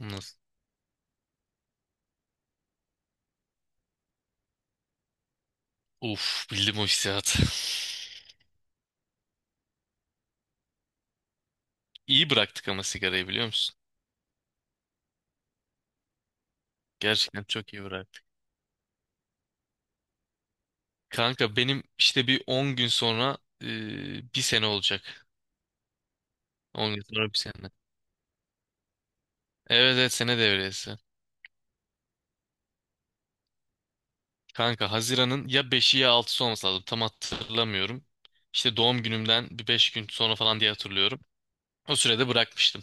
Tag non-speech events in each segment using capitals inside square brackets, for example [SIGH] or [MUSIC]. Nasıl? Uf, bildim o hissiyatı. [LAUGHS] İyi bıraktık ama sigarayı biliyor musun? Gerçekten çok iyi bıraktık. Kanka benim işte bir 10 gün sonra bir sene olacak. 10 gün sonra bir sene. Evet, evet, sene devresi. Kanka Haziran'ın ya beşi ya altısı olması lazım. Tam hatırlamıyorum. İşte doğum günümden bir 5 gün sonra falan diye hatırlıyorum. O sürede bırakmıştım.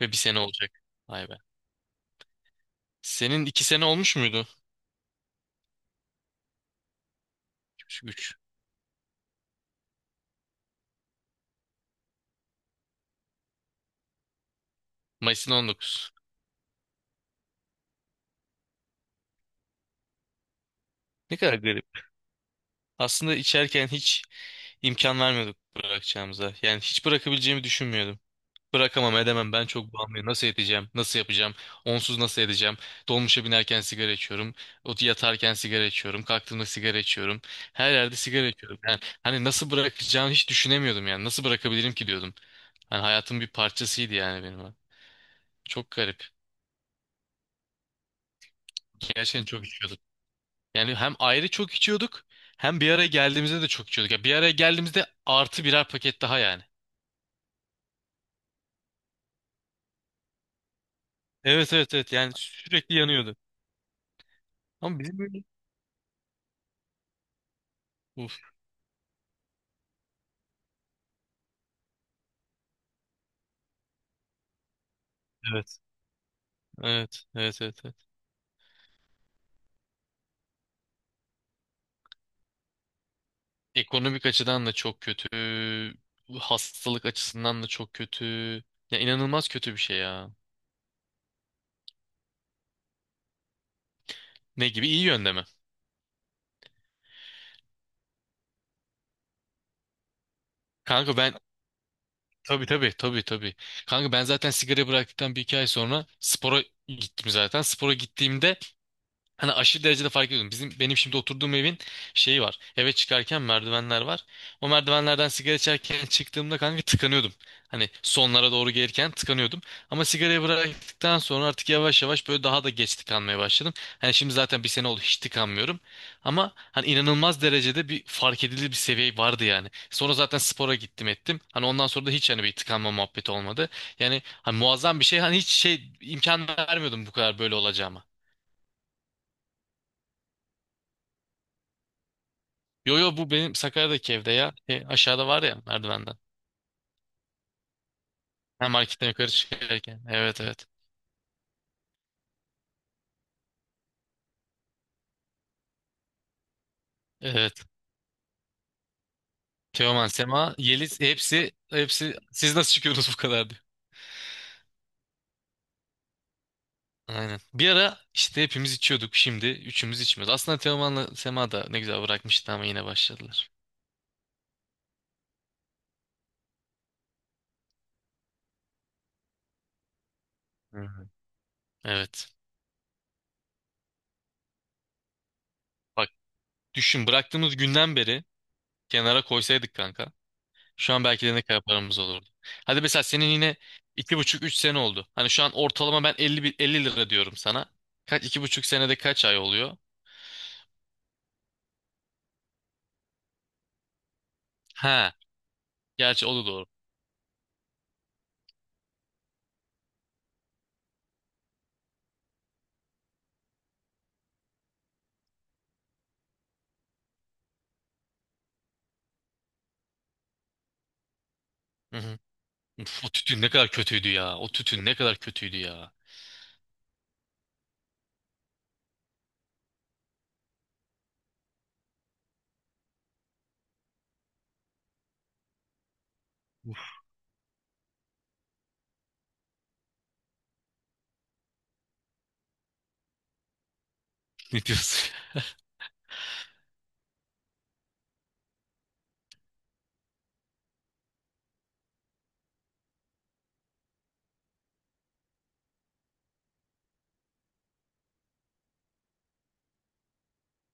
Ve bir sene olacak. Vay be. Senin 2 sene olmuş muydu? 3. Mayıs'ın 19. Ne kadar garip. Aslında içerken hiç İmkan vermiyorduk bırakacağımıza. Yani hiç bırakabileceğimi düşünmüyordum. Bırakamam, edemem, ben çok bağımlıyım. Nasıl edeceğim? Nasıl yapacağım? Onsuz nasıl edeceğim? Dolmuşa binerken sigara içiyorum. Yatarken sigara içiyorum. Kalktığımda sigara içiyorum. Her yerde sigara içiyorum. Yani hani nasıl bırakacağını hiç düşünemiyordum yani. Nasıl bırakabilirim ki diyordum. Hani hayatın bir parçasıydı yani benim. O. Çok garip. Gerçekten çok içiyorduk. Yani hem ayrı çok içiyorduk hem bir araya geldiğimizde de çok içiyorduk. Ya bir araya geldiğimizde artı birer paket daha yani. Evet, evet, evet, yani sürekli yanıyordu. Ama bizim böyle... Uf, evet. Evet. Evet. Evet. Evet. Ekonomik açıdan da çok kötü. Hastalık açısından da çok kötü. Ya inanılmaz kötü bir şey ya. Ne gibi? İyi yönde mi? Kanka ben, tabii, tabii, tabii, tabii. Kanka ben zaten sigara bıraktıktan bir iki ay sonra spora gittim zaten. Spora gittiğimde hani aşırı derecede fark ediyordum. Bizim, benim şimdi oturduğum evin şeyi var. Eve çıkarken merdivenler var. O merdivenlerden sigara içerken çıktığımda kanka tıkanıyordum. Hani sonlara doğru gelirken tıkanıyordum. Ama sigarayı bıraktıktan sonra artık yavaş yavaş böyle daha da geç tıkanmaya başladım. Hani şimdi zaten bir sene oldu, hiç tıkanmıyorum. Ama hani inanılmaz derecede bir fark edilir bir seviye vardı yani. Sonra zaten spora gittim ettim. Hani ondan sonra da hiç hani bir tıkanma muhabbeti olmadı. Yani hani muazzam bir şey. Hani hiç şey imkan vermiyordum bu kadar böyle olacağıma. Yo yo, bu benim Sakarya'daki evde ya. Şey, aşağıda var ya merdivenden. Ha, marketten yukarı çıkarken. Evet, evet. Evet. Teoman, Sema, Yeliz, hepsi hepsi siz nasıl çıkıyorsunuz bu kadar diyor. Aynen. Bir ara işte hepimiz içiyorduk. Şimdi üçümüz içmiyoruz. Aslında Teoman'la Sema da ne güzel bırakmıştı ama yine başladılar. Hı hı. Evet. Bak, düşün, bıraktığımız günden beri kenara koysaydık kanka. Şu an belki de ne kadar paramız olurdu. Hadi mesela senin yine iki buçuk üç sene oldu. Hani şu an ortalama ben elli elli lira diyorum sana. Kaç 2,5 senede kaç ay oluyor? Ha, gerçi o da doğru. Hı hı. Uf, o tütün ne kadar kötüydü ya. O tütün ne kadar kötüydü ya. [LAUGHS] Ne diyorsun?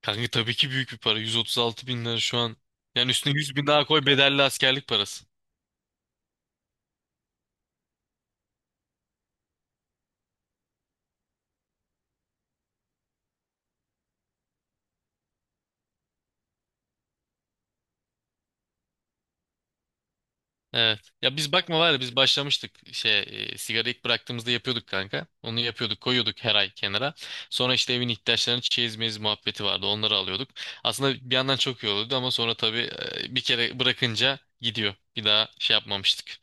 Kanka tabii ki büyük bir para. 136 bin lira şu an. Yani üstüne 100 bin daha koy, bedelli askerlik parası. Evet. Ya biz, bakma var ya, biz başlamıştık şey, sigara ilk bıraktığımızda yapıyorduk kanka. Onu yapıyorduk, koyuyorduk her ay kenara. Sonra işte evin ihtiyaçlarını, çeyiz meyiz muhabbeti vardı, onları alıyorduk. Aslında bir yandan çok iyi oluyordu ama sonra tabii bir kere bırakınca gidiyor. Bir daha şey yapmamıştık.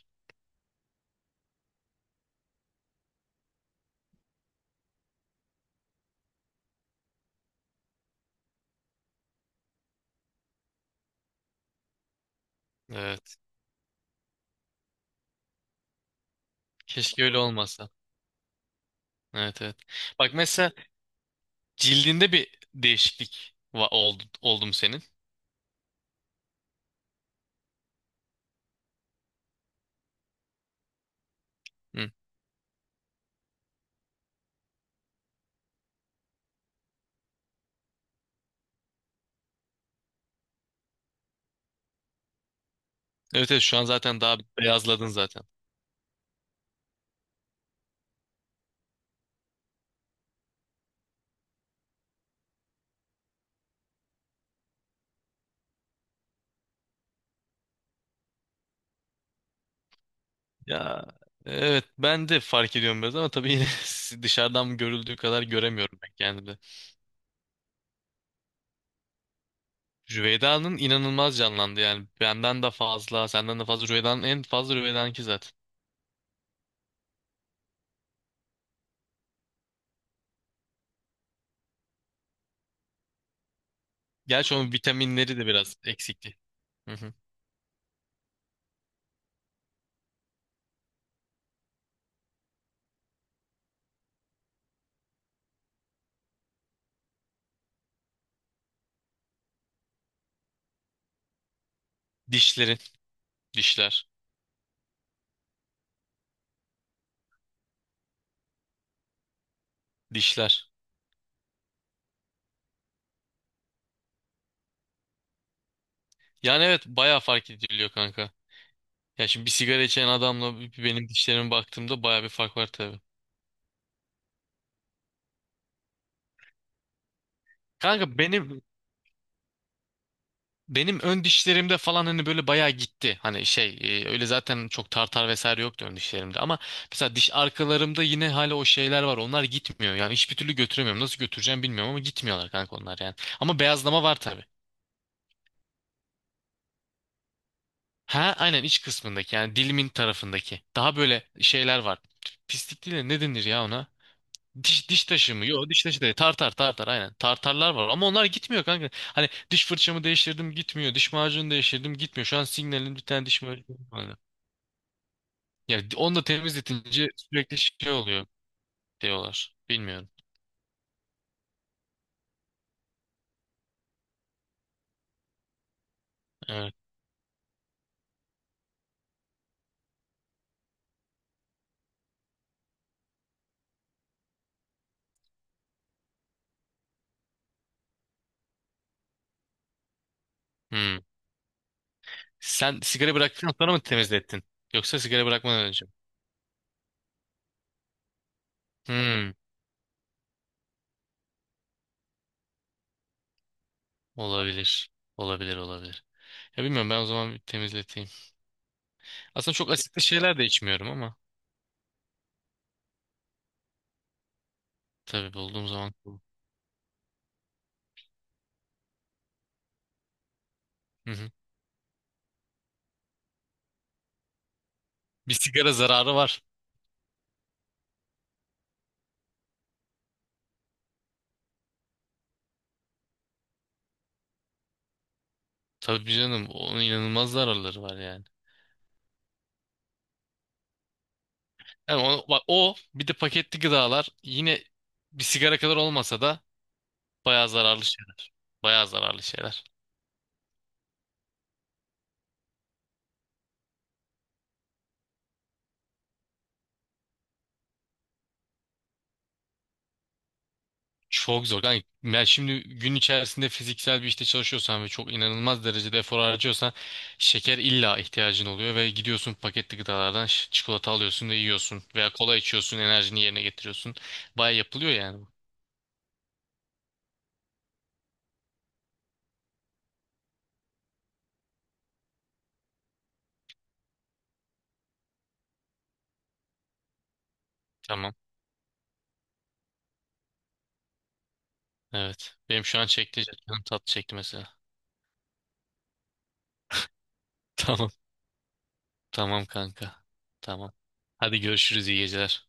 Evet. Keşke öyle olmasa. Evet, evet. Bak mesela, cildinde bir değişiklik oldu, oldu mu senin? Evet, evet, şu an zaten daha beyazladın zaten. Ya evet, ben de fark ediyorum biraz ama tabii yine [LAUGHS] dışarıdan görüldüğü kadar göremiyorum ben kendimde. Rüveyda'nın inanılmaz canlandı, yani benden de fazla, senden de fazla, Rüveyda'nın en fazla, Rüveyda'nınki zaten. Gerçi onun vitaminleri de biraz eksikti. Hı hı. Dişleri, dişler, dişler. Yani evet, bayağı fark ediliyor kanka. Ya şimdi bir sigara içen adamla benim dişlerime baktığımda bayağı bir fark var tabii. Kanka benim, benim ön dişlerimde falan hani böyle bayağı gitti. Hani şey, öyle zaten çok tartar vesaire yoktu ön dişlerimde ama mesela diş arkalarımda yine hala o şeyler var. Onlar gitmiyor. Yani hiçbir türlü götüremiyorum. Nasıl götüreceğim bilmiyorum ama gitmiyorlar kanka onlar yani. Ama beyazlama var tabii. Ha aynen, iç kısmındaki, yani dilimin tarafındaki. Daha böyle şeyler var. Pislik değil de ne denir ya ona? Diş, diş taşı mı? Yok, diş taşı değil. Tartar, tartar aynen. Tartarlar var ama onlar gitmiyor kanka. Hani diş fırçamı değiştirdim gitmiyor. Diş macunu değiştirdim gitmiyor. Şu an signalin bir tane diş macunu. Ya onu da temizletince sürekli şey oluyor diyorlar. Bilmiyorum. Evet. Hmm. Sen sigara bıraktıktan sonra mı temizlettin? Yoksa sigara bırakmadan önce mi? Hmm. Olabilir. Olabilir, olabilir. Ya bilmiyorum, ben o zaman bir temizleteyim. Aslında çok asitli şeyler de içmiyorum ama tabii bulduğum zaman. Hı hı. Bir sigara zararı var. Tabii canım, onun inanılmaz zararları var yani. Yani o, bak, o bir de paketli gıdalar yine bir sigara kadar olmasa da bayağı zararlı şeyler. Bayağı zararlı şeyler. Çok zor. Yani, yani şimdi gün içerisinde fiziksel bir işte çalışıyorsan ve çok inanılmaz derecede efor harcıyorsan şeker illa ihtiyacın oluyor ve gidiyorsun paketli gıdalardan çikolata alıyorsun ve yiyorsun veya kola içiyorsun, enerjini yerine getiriyorsun. Baya yapılıyor yani bu. Tamam. Evet. Benim şu an çekti. Canım tatlı çekti mesela. [LAUGHS] Tamam. Tamam kanka. Tamam. Hadi görüşürüz, iyi geceler.